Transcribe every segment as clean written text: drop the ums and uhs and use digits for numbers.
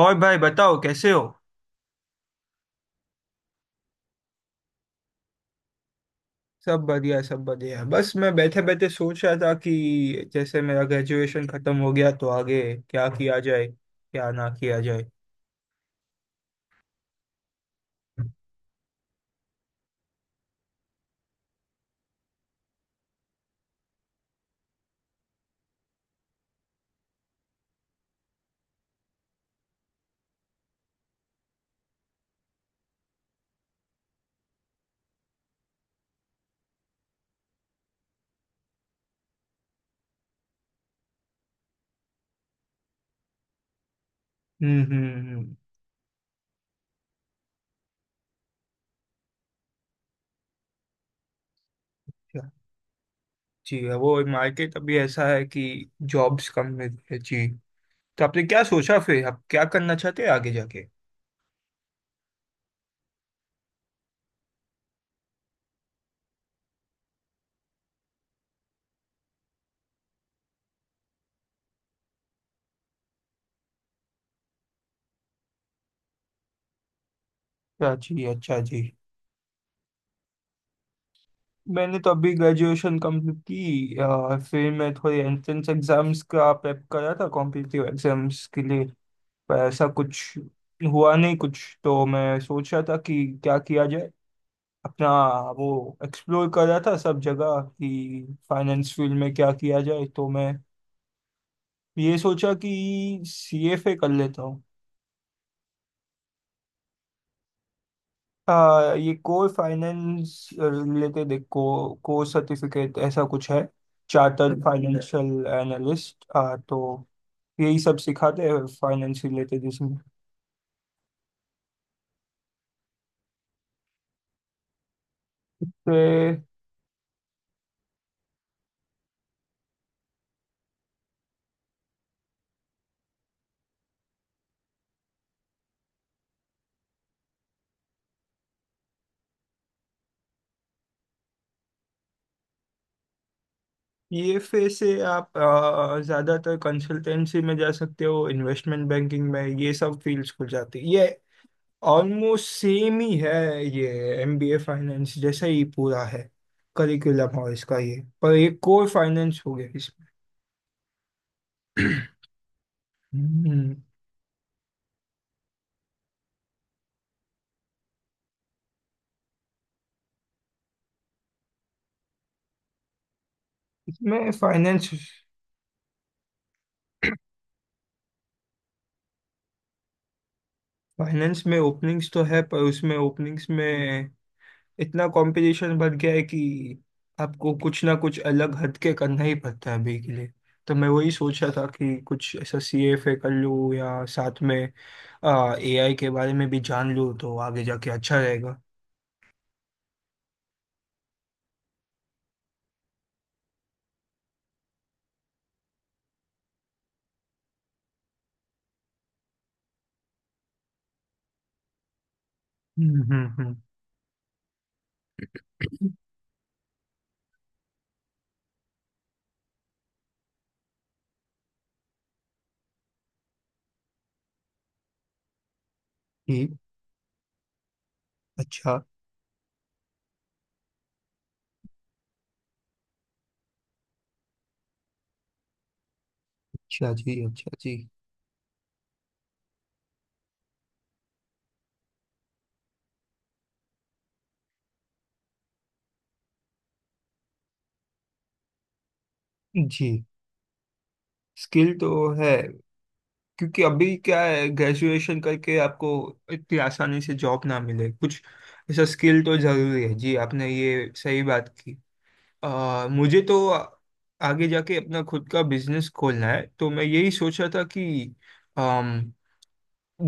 और भाई बताओ कैसे हो? सब बढ़िया, सब बढ़िया। बस मैं बैठे बैठे सोच रहा था कि जैसे मेरा ग्रेजुएशन खत्म हो गया तो आगे क्या किया जाए, क्या ना किया जाए। हम्म। क्या- जी, वो मार्केट अभी ऐसा है कि जॉब्स कम मिल रही है जी। तो आपने क्या सोचा फिर? आप क्या करना चाहते हैं आगे जाके? अच्छा जी, अच्छा जी। मैंने तो अभी ग्रेजुएशन कंप्लीट की, फिर मैं थोड़े एंट्रेंस एग्जाम्स का प्रेप करा था कॉम्पिटिटिव एग्जाम्स के लिए। पर ऐसा कुछ हुआ नहीं, कुछ तो मैं सोच रहा था कि क्या किया जाए अपना। वो एक्सप्लोर कर रहा था सब जगह कि फाइनेंस फील्ड में क्या किया जाए, तो मैं ये सोचा कि सीएफए कर लेता हूँ। हाँ, ये कोर फाइनेंस रिलेटेड एक कोर्स सर्टिफिकेट ऐसा कुछ है। चार्टर्ड फाइनेंशियल एनालिस्ट, हाँ, तो यही सब सिखाते हैं फाइनेंस रिलेटेड इसमें। तो पीएफए से आप ज्यादातर कंसल्टेंसी में जा सकते हो, इन्वेस्टमेंट बैंकिंग में, ये सब फील्ड्स खुल जाती है। ये ऑलमोस्ट सेम ही है। ये एमबीए फाइनेंस जैसा ही पूरा है करिकुलम और इसका, ये पर एक कोर फाइनेंस हो गया इसमें। हम्म, इसमें फाइनेंस। फाइनेंस में ओपनिंग्स तो है पर उसमें ओपनिंग्स में इतना कंपटीशन बढ़ गया है कि आपको कुछ ना कुछ अलग हट के करना ही पड़ता है अभी के लिए। तो मैं वही सोच रहा था कि कुछ ऐसा CFA कर लूँ या साथ में AI के बारे में भी जान लूँ तो आगे जाके अच्छा रहेगा। हम्म। जी। अच्छा अच्छा जी। अच्छा जी। जी। स्किल तो है, क्योंकि अभी क्या है, ग्रेजुएशन करके आपको इतनी आसानी से जॉब ना मिले। कुछ ऐसा स्किल तो जरूरी है जी, आपने ये सही बात की। मुझे तो आगे जाके अपना खुद का बिजनेस खोलना है, तो मैं यही सोच रहा था कि अम,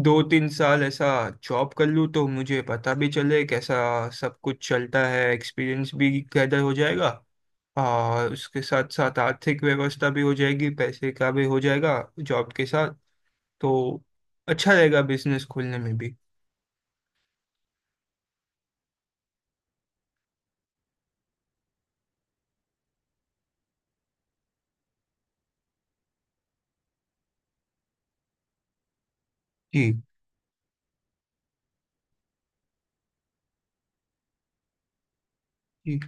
2-3 साल ऐसा जॉब कर लूँ तो मुझे पता भी चले कैसा सब कुछ चलता है, एक्सपीरियंस भी गैदर हो जाएगा। और उसके साथ साथ आर्थिक व्यवस्था भी हो जाएगी, पैसे का भी हो जाएगा जॉब के साथ। तो अच्छा रहेगा बिजनेस खोलने में भी। जी जी।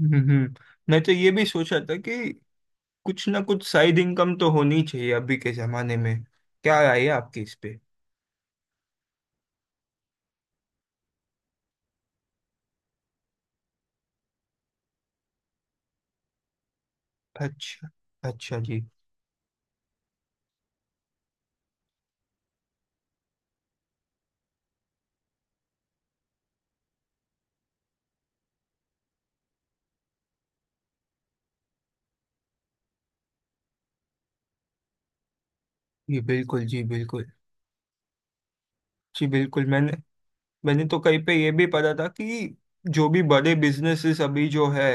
हम्म। मैं तो ये भी सोच रहा था कि कुछ ना कुछ साइड इनकम तो होनी चाहिए अभी के जमाने में। क्या राय है आपकी इस पे? अच्छा अच्छा। जी जी बिल्कुल, जी बिल्कुल। जी बिल्कुल। मैंने मैंने तो कहीं पे ये भी पढ़ा था कि जो भी बड़े बिजनेसेस अभी जो है,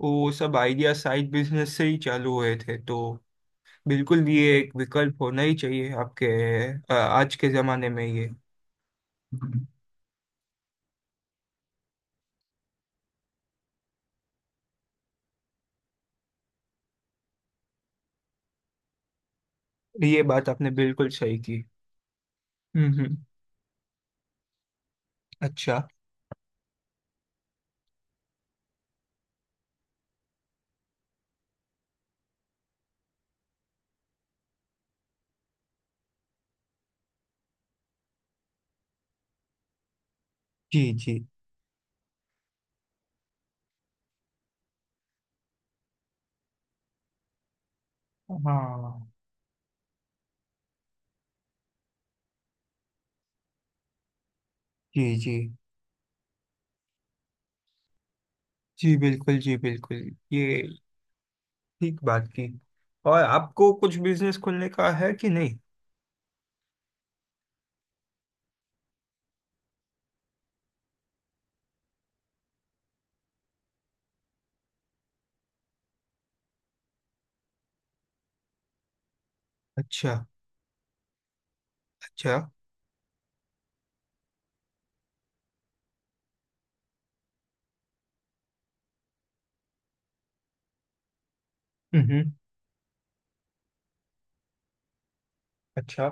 वो सब आइडिया साइड बिजनेस से ही चालू हुए थे, तो बिल्कुल ये एक विकल्प होना ही चाहिए आपके आज के जमाने में ये। ये बात आपने बिल्कुल सही की। हम्म। अच्छा जी। जी हाँ। जी जी जी बिल्कुल, जी बिल्कुल। ये ठीक बात की। और आपको कुछ बिजनेस खोलने का है कि नहीं? अच्छा अच्छा। हम्म। अच्छा।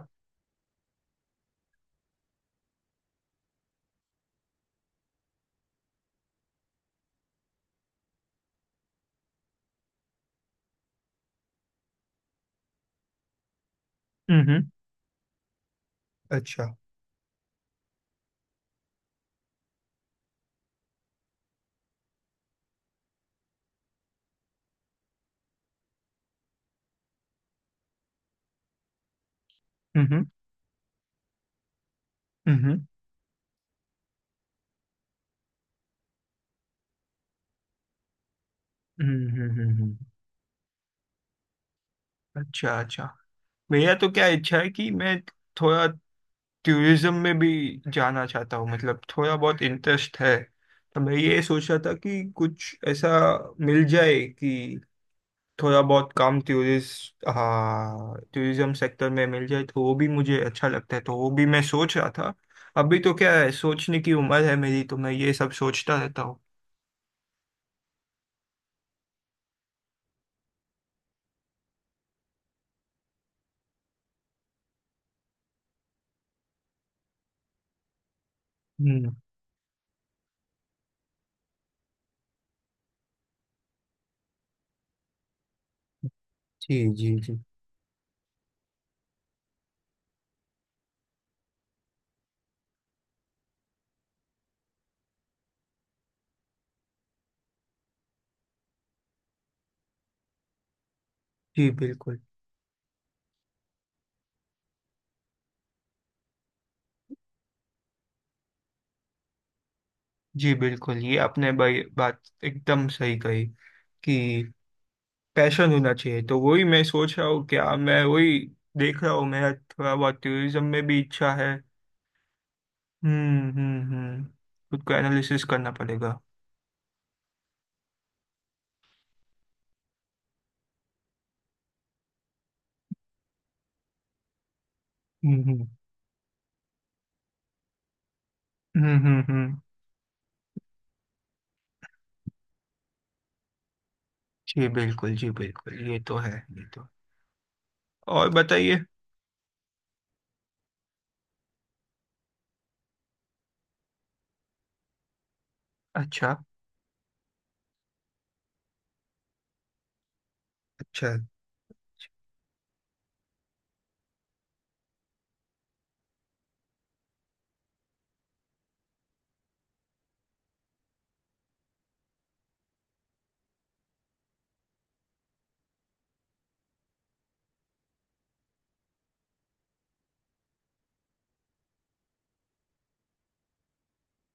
हम्म। अच्छा। हम्म हम्म हम्म। अच्छा अच्छा। भैया, तो क्या इच्छा है कि मैं थोड़ा टूरिज्म में भी जाना चाहता हूँ, मतलब थोड़ा बहुत इंटरेस्ट है। तो मैं ये सोच रहा था कि कुछ ऐसा मिल जाए कि थोड़ा बहुत काम टूरिस्ट, हाँ, टूरिज्म सेक्टर में मिल जाए तो वो भी मुझे अच्छा लगता है, तो वो भी मैं सोच रहा था। अभी तो क्या है, सोचने की उम्र है मेरी, तो मैं ये सब सोचता रहता हूँ। हम्म। जी जी जी। जी बिल्कुल, जी बिल्कुल। ये आपने भाई बात एकदम सही कही कि पैशन होना चाहिए, तो वही मैं सोच रहा हूँ। क्या मैं वही देख रहा हूँ, मेरा थोड़ा बहुत टूरिज्म में भी इच्छा है। हम्म। खुद को एनालिसिस करना पड़ेगा। हम्म हम्म हम्म हम्म हम्म। जी बिल्कुल, जी बिल्कुल, ये तो है। ये तो है। और बताइए। अच्छा अच्छा।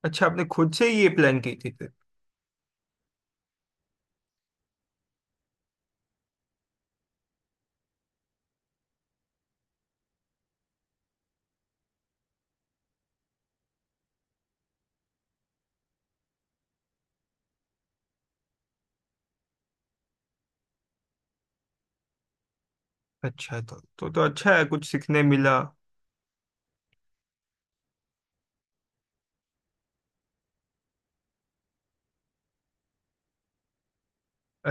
अच्छा, आपने खुद से ही ये प्लान की थी फिर? अच्छा, तो अच्छा है, कुछ सीखने मिला।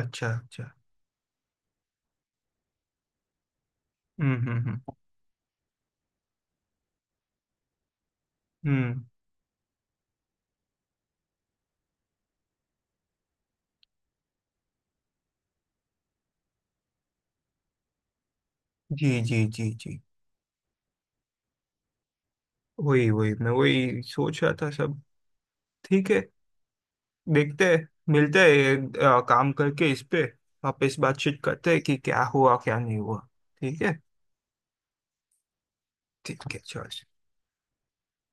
अच्छा अच्छा। हम्म हम्म हम्म हम्म। जी जी जी जी। वही वही मैं वही सोच रहा था सब। ठीक है। देखते हैं, मिलते हैं ये, काम करके इस पे वापस बातचीत करते हैं कि क्या हुआ क्या नहीं हुआ। ठीक है। ठीक है। चल।